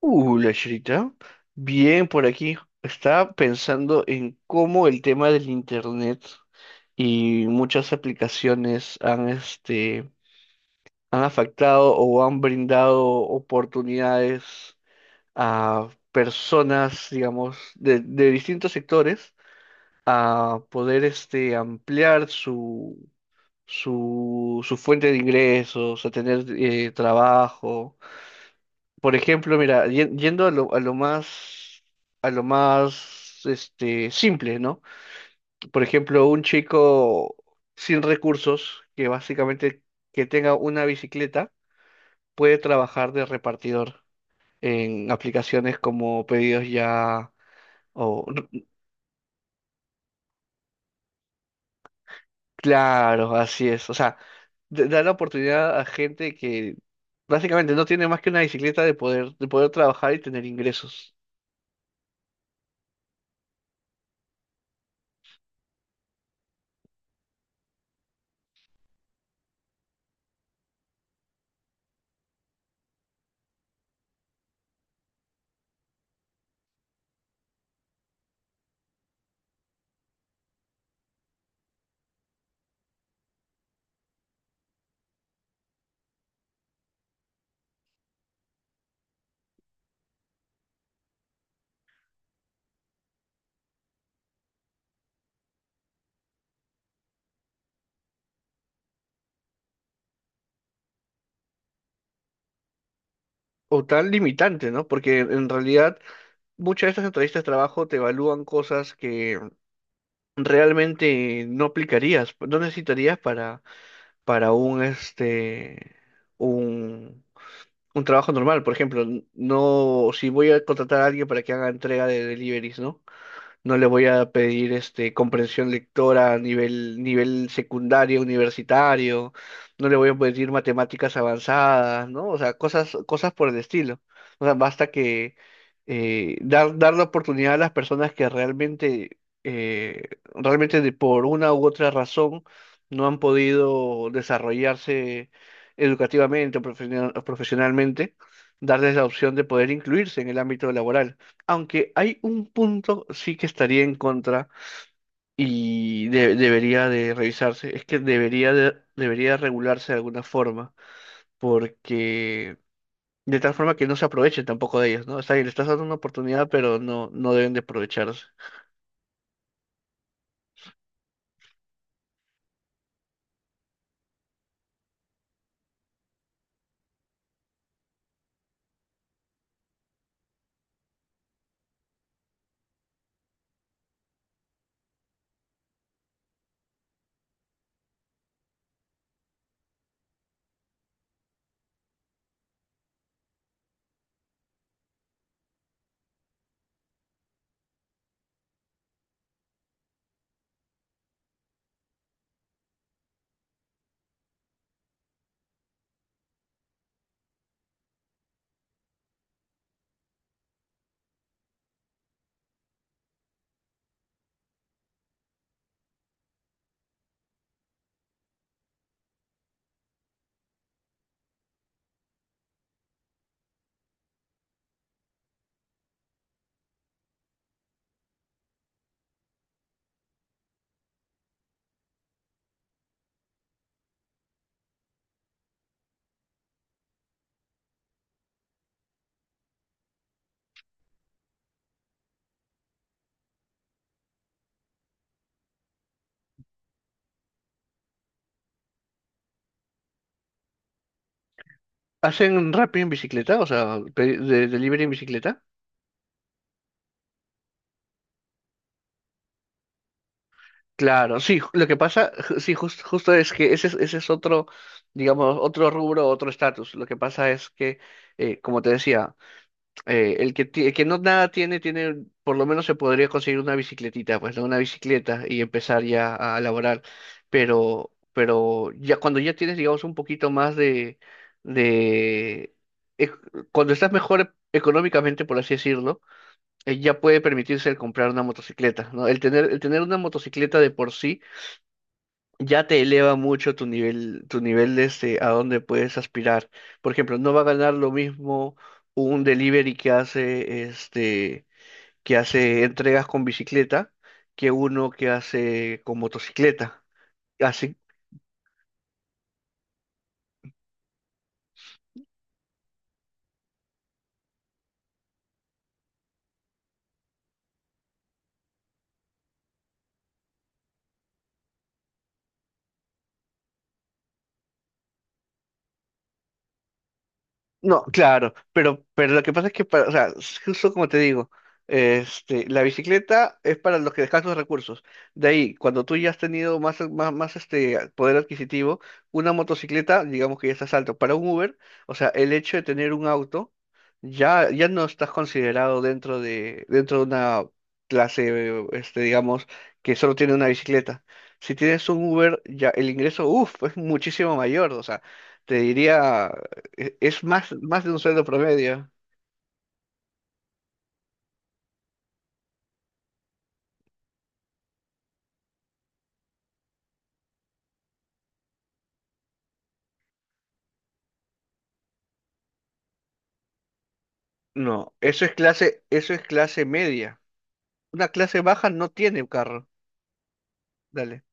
La Shrita. Bien, por aquí. Estaba pensando en cómo el tema del internet y muchas aplicaciones han afectado o han brindado oportunidades a personas, digamos, de distintos sectores a poder, ampliar su fuente de ingresos, a tener trabajo. Por ejemplo, mira, yendo a lo más, simple, ¿no? Por ejemplo, un chico sin recursos, que básicamente que tenga una bicicleta, puede trabajar de repartidor en aplicaciones como Pedidos Ya o... Claro, así es. O sea, da la oportunidad a gente que básicamente no tiene más que una bicicleta de poder trabajar y tener ingresos. O tan limitante, ¿no? Porque en realidad... muchas de estas entrevistas de trabajo te evalúan cosas que realmente no aplicarías, no necesitarías para, para un, este, un, un trabajo normal. Por ejemplo, no, si voy a contratar a alguien para que haga entrega de deliveries, ¿no? No le voy a pedir comprensión lectora a nivel secundario, universitario, no le voy a pedir matemáticas avanzadas, ¿no? O sea, cosas, cosas por el estilo. O sea, basta que dar la oportunidad a las personas que eh, realmente por una u otra razón no han podido desarrollarse educativamente o profesionalmente, darles la opción de poder incluirse en el ámbito laboral. Aunque hay un punto sí que estaría en contra y debería de revisarse, es que debería regularse de alguna forma, porque de tal forma que no se aprovechen tampoco de ellas, ¿no? O sea, le estás dando una oportunidad, pero no, no deben de aprovecharse. ¿Hacen Rappi en bicicleta? O sea, delivery en bicicleta. Claro, sí, lo que pasa, justo es que ese, ese es otro, digamos, otro rubro, otro estatus. Lo que pasa es que como te decía, el que no nada tiene, por lo menos se podría conseguir una bicicletita, pues, ¿no? Una bicicleta y empezar ya a laborar. Pero ya cuando ya tienes, digamos, un poquito más de, ec- cuando estás mejor económicamente, por así decirlo, ya puede permitirse el comprar una motocicleta, ¿no? El tener una motocicleta de por sí ya te eleva mucho tu nivel, a dónde puedes aspirar. Por ejemplo, no va a ganar lo mismo un delivery que hace entregas con bicicleta que uno que hace con motocicleta. Así. No, claro, pero lo que pasa es que, o sea, justo como te digo, la bicicleta es para los que escasos recursos. De ahí, cuando tú ya has tenido más, más, más poder adquisitivo, una motocicleta, digamos que ya estás alto. Para un Uber, o sea, el hecho de tener un auto, ya no estás considerado dentro de una clase, digamos, que solo tiene una bicicleta. Si tienes un Uber, ya el ingreso, uff, es muchísimo mayor, o sea. Te diría es más, más de un sueldo promedio. No, eso es clase media. Una clase baja no tiene carro. Dale.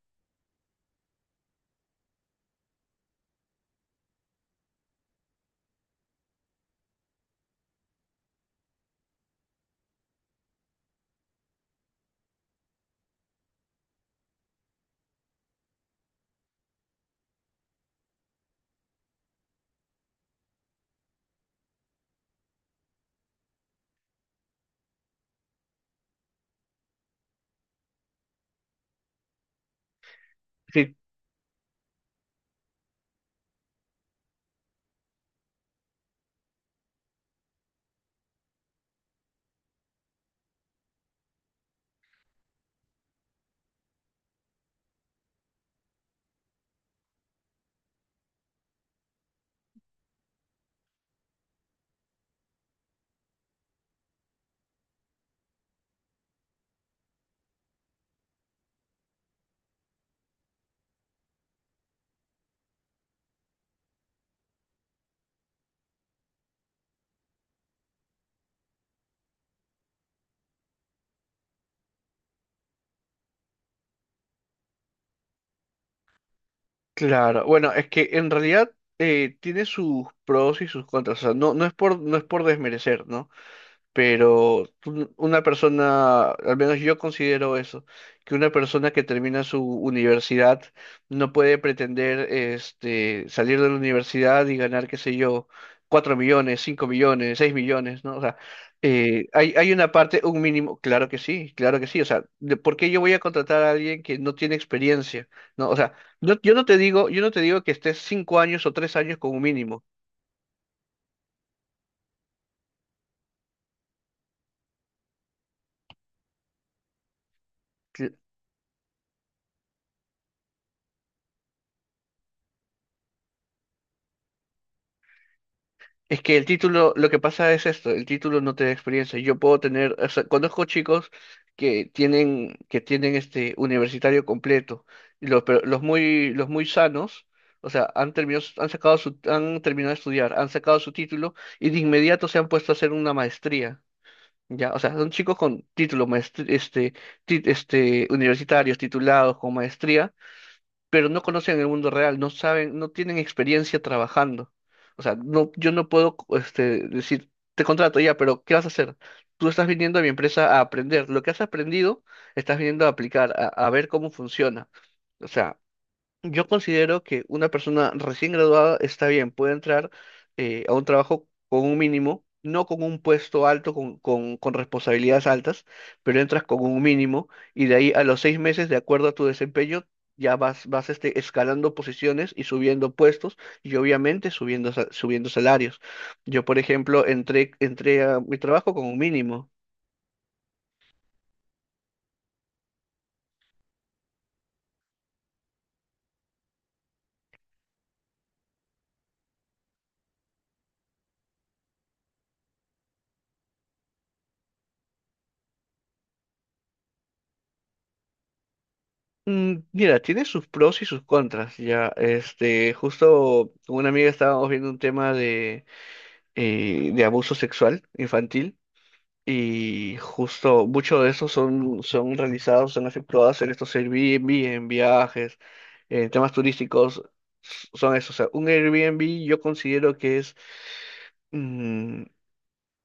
Sí, claro. Bueno, es que en realidad tiene sus pros y sus contras. O sea, no, no es por desmerecer, ¿no? Pero una persona, al menos yo considero eso, que una persona que termina su universidad no puede pretender salir de la universidad y ganar, qué sé yo, 4 millones, 5 millones, 6 millones, ¿no? O sea, hay una parte, un mínimo, claro que sí, o sea, ¿Por qué yo voy a contratar a alguien que no tiene experiencia? ¿No? O sea, yo no te digo que estés 5 años o 3 años como mínimo. Es que el título, lo que pasa es esto, el título no te da experiencia. Yo puedo tener, o sea, conozco chicos que tienen universitario completo, y pero los muy sanos, o sea, han terminado, han sacado su, han terminado de estudiar, han sacado su título y de inmediato se han puesto a hacer una maestría. Ya, o sea, son chicos con títulos, universitarios, titulados, con maestría pero no conocen el mundo real, no saben, no tienen experiencia trabajando. O sea, no, yo no puedo, decir, te contrato ya, pero ¿qué vas a hacer? Tú estás viniendo a mi empresa a aprender. Lo que has aprendido, estás viniendo a aplicar, a ver cómo funciona. O sea, yo considero que una persona recién graduada está bien, puede entrar a un trabajo con un mínimo, no con un puesto alto, con responsabilidades altas, pero entras con un mínimo y de ahí a los 6 meses, de acuerdo a tu desempeño, ya vas escalando posiciones y subiendo puestos y obviamente subiendo salarios. Yo, por ejemplo, entré a mi trabajo con un mínimo. Mira, tiene sus pros y sus contras, ya. Justo con una amiga estábamos viendo un tema de abuso sexual infantil y justo muchos de esos son realizados, son efectuados en estos Airbnb, en viajes, en temas turísticos, son esos. O sea, un Airbnb yo considero que es mm,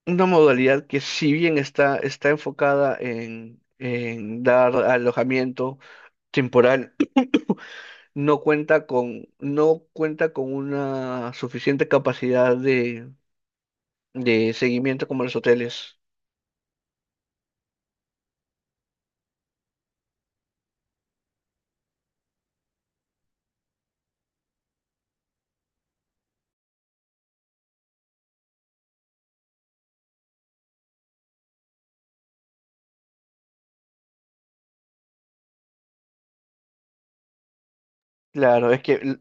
una modalidad que si bien está enfocada en dar alojamiento temporal, no cuenta con una suficiente capacidad de seguimiento como los hoteles. Claro, es que,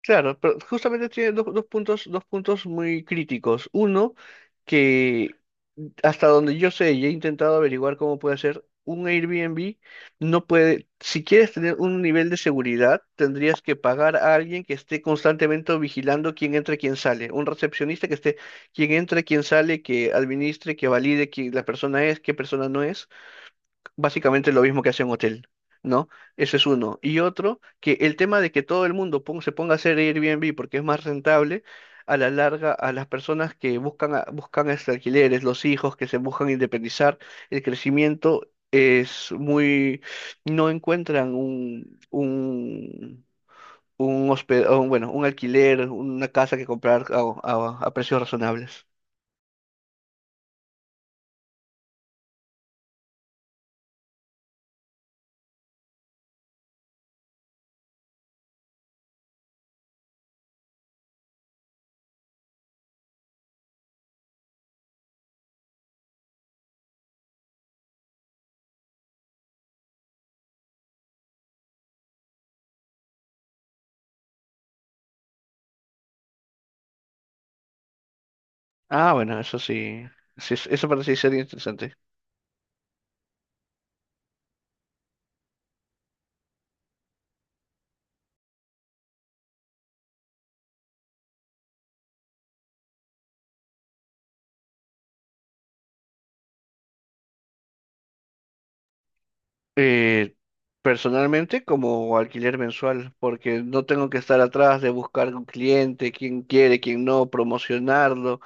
claro, pero justamente tiene dos puntos, dos puntos muy críticos. Uno, que hasta donde yo sé y he intentado averiguar cómo puede ser, un Airbnb no puede, si quieres tener un nivel de seguridad, tendrías que pagar a alguien que esté constantemente vigilando quién entra y quién sale. Un recepcionista que esté, quién entra, quién sale, que administre, que valide quién la persona es, qué persona no es. Básicamente lo mismo que hace un hotel, ¿no? Eso es uno. Y otro, que el tema de que todo el mundo se ponga a hacer Airbnb porque es más rentable, a la larga, a las personas que buscan, buscan alquileres, los hijos que se buscan independizar, el crecimiento es muy, no encuentran un hospe- o un, bueno, un alquiler, una casa que comprar a precios razonables. Ah, bueno, eso sí, sí, eso parece ser interesante. Eh, Personalmente, como alquiler mensual, porque no tengo que estar atrás de buscar un cliente, quién quiere, quién no, promocionarlo.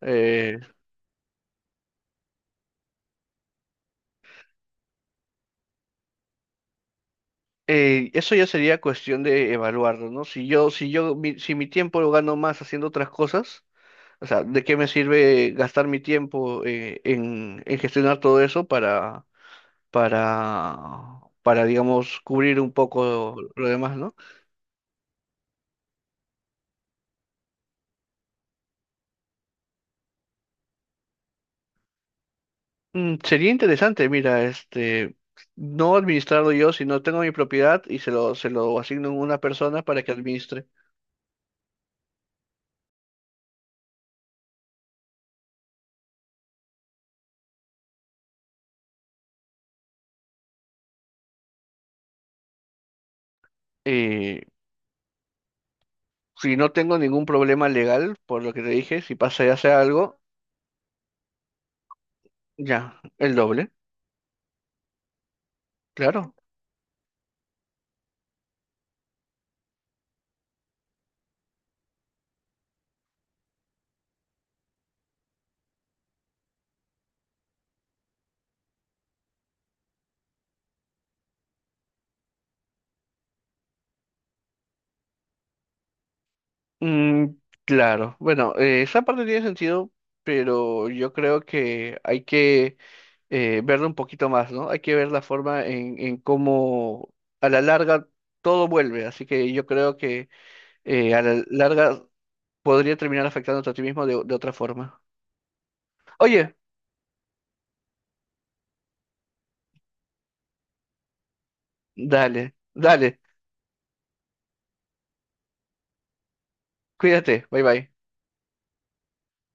eh, eso ya sería cuestión de evaluarlo, ¿no? Si yo, si mi tiempo lo gano más haciendo otras cosas, o sea, ¿de qué me sirve gastar mi tiempo en, gestionar todo eso para, para, digamos, cubrir un poco lo demás, ¿no? Sería interesante, mira, no administrarlo yo, sino tengo mi propiedad y se lo asigno a una persona para que administre. Eh, si no tengo ningún problema legal, por lo que te dije, si pasa y hace algo, ya, el doble, claro. Mm, claro, bueno, esa parte tiene sentido, pero yo creo que hay que verlo un poquito más, ¿no? Hay que ver la forma en cómo a la larga todo vuelve, así que yo creo que a la larga podría terminar afectándote a ti mismo de otra forma. Oye, dale, dale, cuídate, bye bye.